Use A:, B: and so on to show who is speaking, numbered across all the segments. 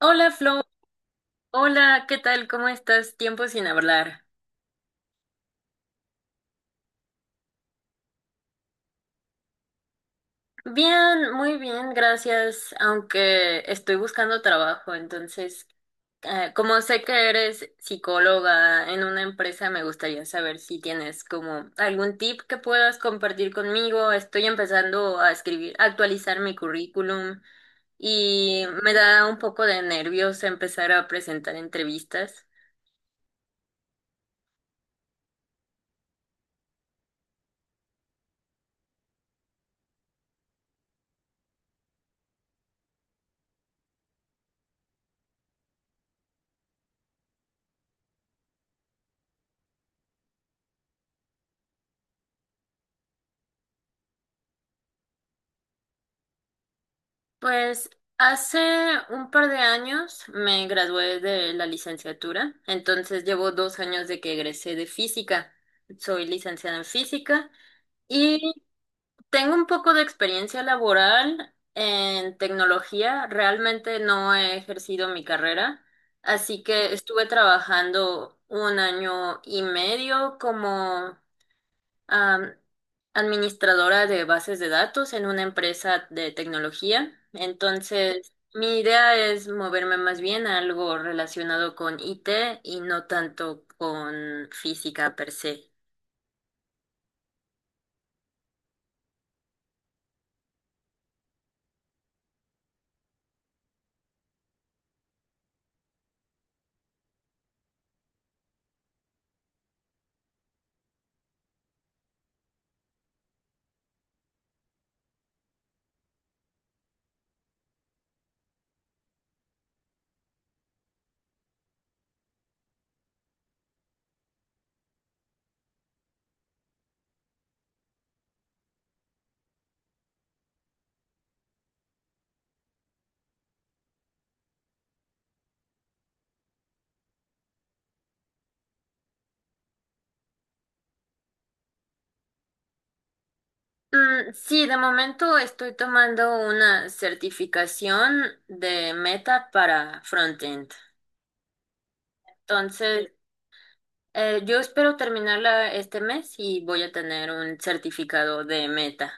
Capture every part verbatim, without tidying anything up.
A: Hola Flo, hola, ¿qué tal? ¿Cómo estás? Tiempo sin hablar. Bien, muy bien, gracias, aunque estoy buscando trabajo, entonces, eh, como sé que eres psicóloga en una empresa, me gustaría saber si tienes como algún tip que puedas compartir conmigo. Estoy empezando a escribir, a actualizar mi currículum y me da un poco de nervios empezar a presentar entrevistas. Pues hace un par de años me gradué de la licenciatura, entonces llevo dos años de que egresé de física. Soy licenciada en física y tengo un poco de experiencia laboral en tecnología. Realmente no he ejercido mi carrera, así que estuve trabajando un año y medio como am, administradora de bases de datos en una empresa de tecnología. Entonces, mi idea es moverme más bien a algo relacionado con I T y no tanto con física per se. Mm, sí, de momento estoy tomando una certificación de Meta para frontend. Entonces, eh, yo espero terminarla este mes y voy a tener un certificado de Meta.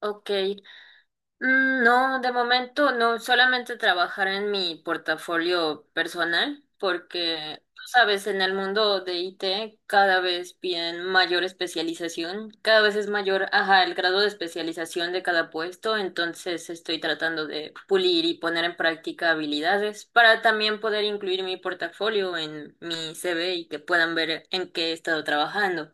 A: Ok. Mm, no, de momento no, solamente trabajar en mi portafolio personal, porque tú sabes, en el mundo de I T cada vez piden mayor especialización, cada vez es mayor, ajá, el grado de especialización de cada puesto, entonces estoy tratando de pulir y poner en práctica habilidades para también poder incluir mi portafolio en mi C V y que puedan ver en qué he estado trabajando.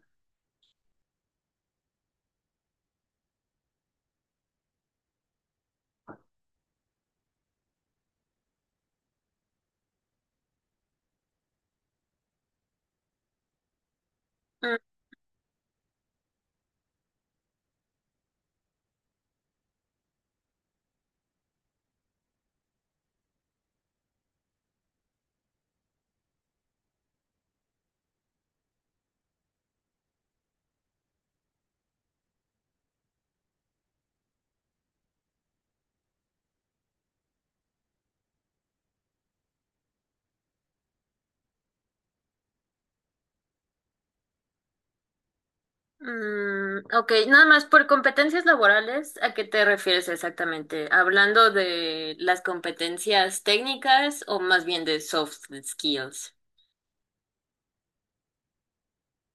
A: Mm, ok, nada más por competencias laborales, ¿a qué te refieres exactamente? ¿Hablando de las competencias técnicas o más bien de soft skills?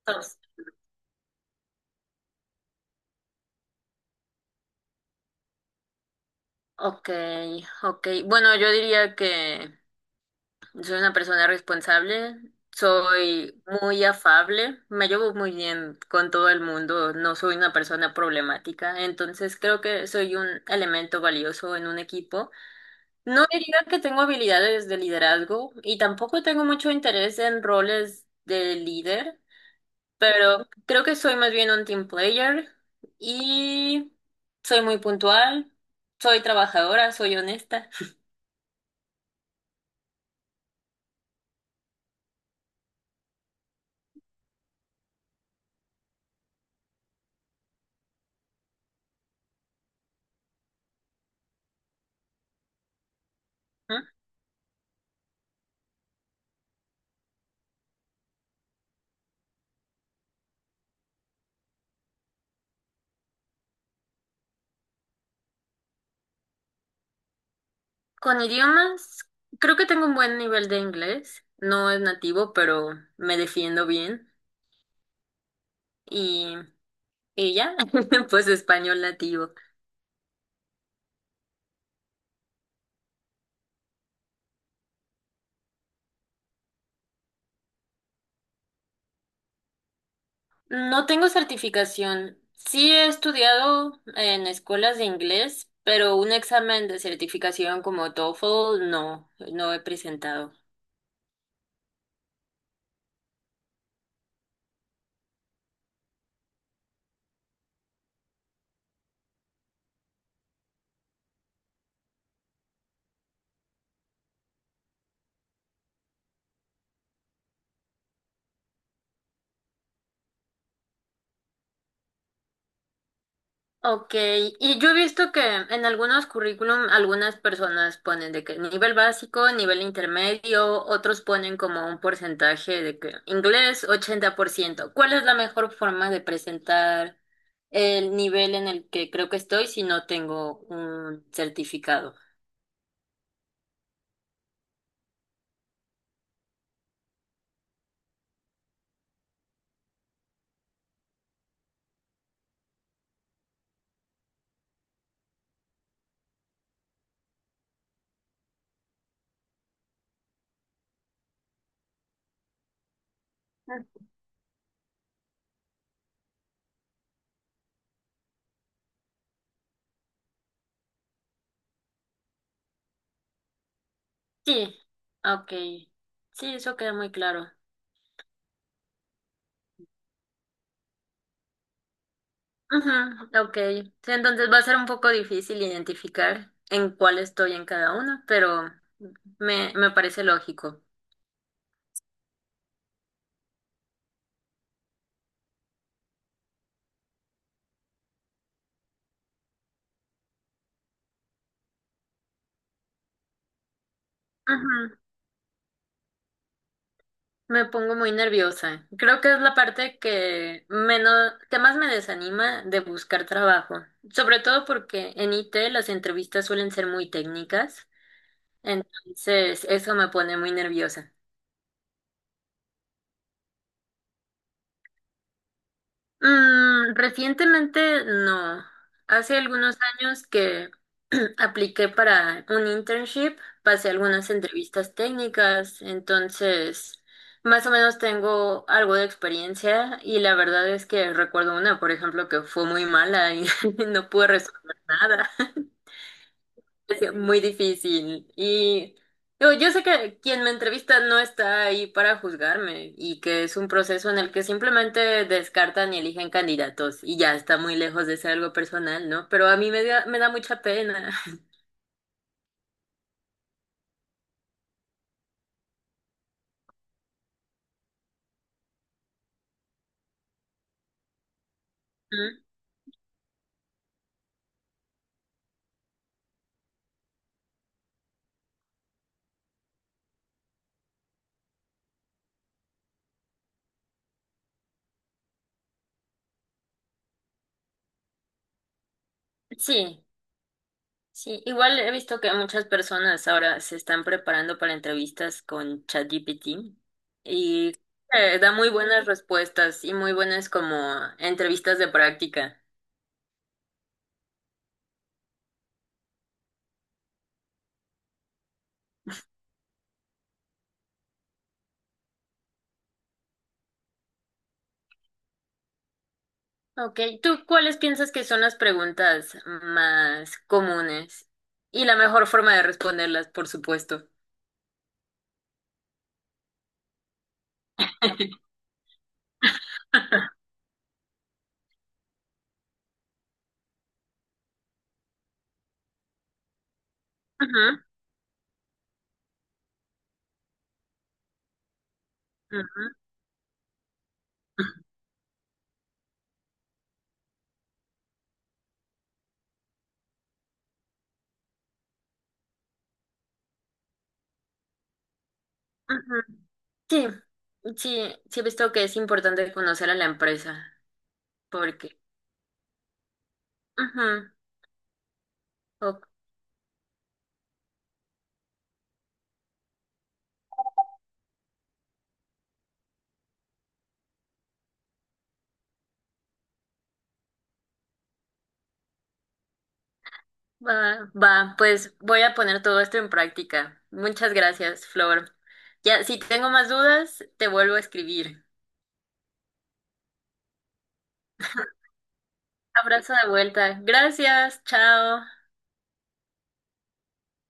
A: Soft. Ok, ok. Bueno, yo diría que soy una persona responsable, soy muy afable, me llevo muy bien con todo el mundo, no soy una persona problemática, entonces creo que soy un elemento valioso en un equipo. No diría que tengo habilidades de liderazgo y tampoco tengo mucho interés en roles de líder, pero creo que soy más bien un team player y soy muy puntual, soy trabajadora, soy honesta. ¿Mm? Con idiomas, creo que tengo un buen nivel de inglés, no es nativo, pero me defiendo bien y, y ya, pues español nativo. No tengo certificación. Sí he estudiado en escuelas de inglés, pero un examen de certificación como TOEFL no, no he presentado. Ok, y yo he visto que en algunos currículum algunas personas ponen de que nivel básico, nivel intermedio, otros ponen como un porcentaje de que inglés ochenta por ciento. ¿Cuál es la mejor forma de presentar el nivel en el que creo que estoy si no tengo un certificado? Sí, ok. Sí, eso queda muy claro. Ujú, ok. Sí, entonces va a ser un poco difícil identificar en cuál estoy en cada uno, pero me, me parece lógico. Ujú. Me pongo muy nerviosa. Creo que es la parte que menos, que más me desanima de buscar trabajo, sobre todo porque en I T las entrevistas suelen ser muy técnicas, entonces eso me pone muy nerviosa. Mm, recientemente no. Hace algunos años que apliqué para un internship, pasé algunas entrevistas técnicas, entonces más o menos tengo algo de experiencia y la verdad es que recuerdo una, por ejemplo, que fue muy mala y no pude resolver nada. Es muy difícil. Y yo, yo sé que quien me entrevista no está ahí para juzgarme y que es un proceso en el que simplemente descartan y eligen candidatos y ya está muy lejos de ser algo personal, ¿no? Pero a mí me da, me da mucha pena. Ujú. Sí, sí. Igual he visto que muchas personas ahora se están preparando para entrevistas con ChatGPT y eh, da muy buenas respuestas y muy buenas como entrevistas de práctica. Ok, ¿tú cuáles piensas que son las preguntas más comunes? Y la mejor forma de responderlas, por supuesto. Ujú, ujú, ujú. Sí, sí, sí he visto que es importante conocer a la empresa, porque ujú, ok, va, va, pues voy a poner todo esto en práctica. Muchas gracias, Flor. Ya, si tengo más dudas, te vuelvo a escribir. Abrazo de vuelta. Gracias, chao.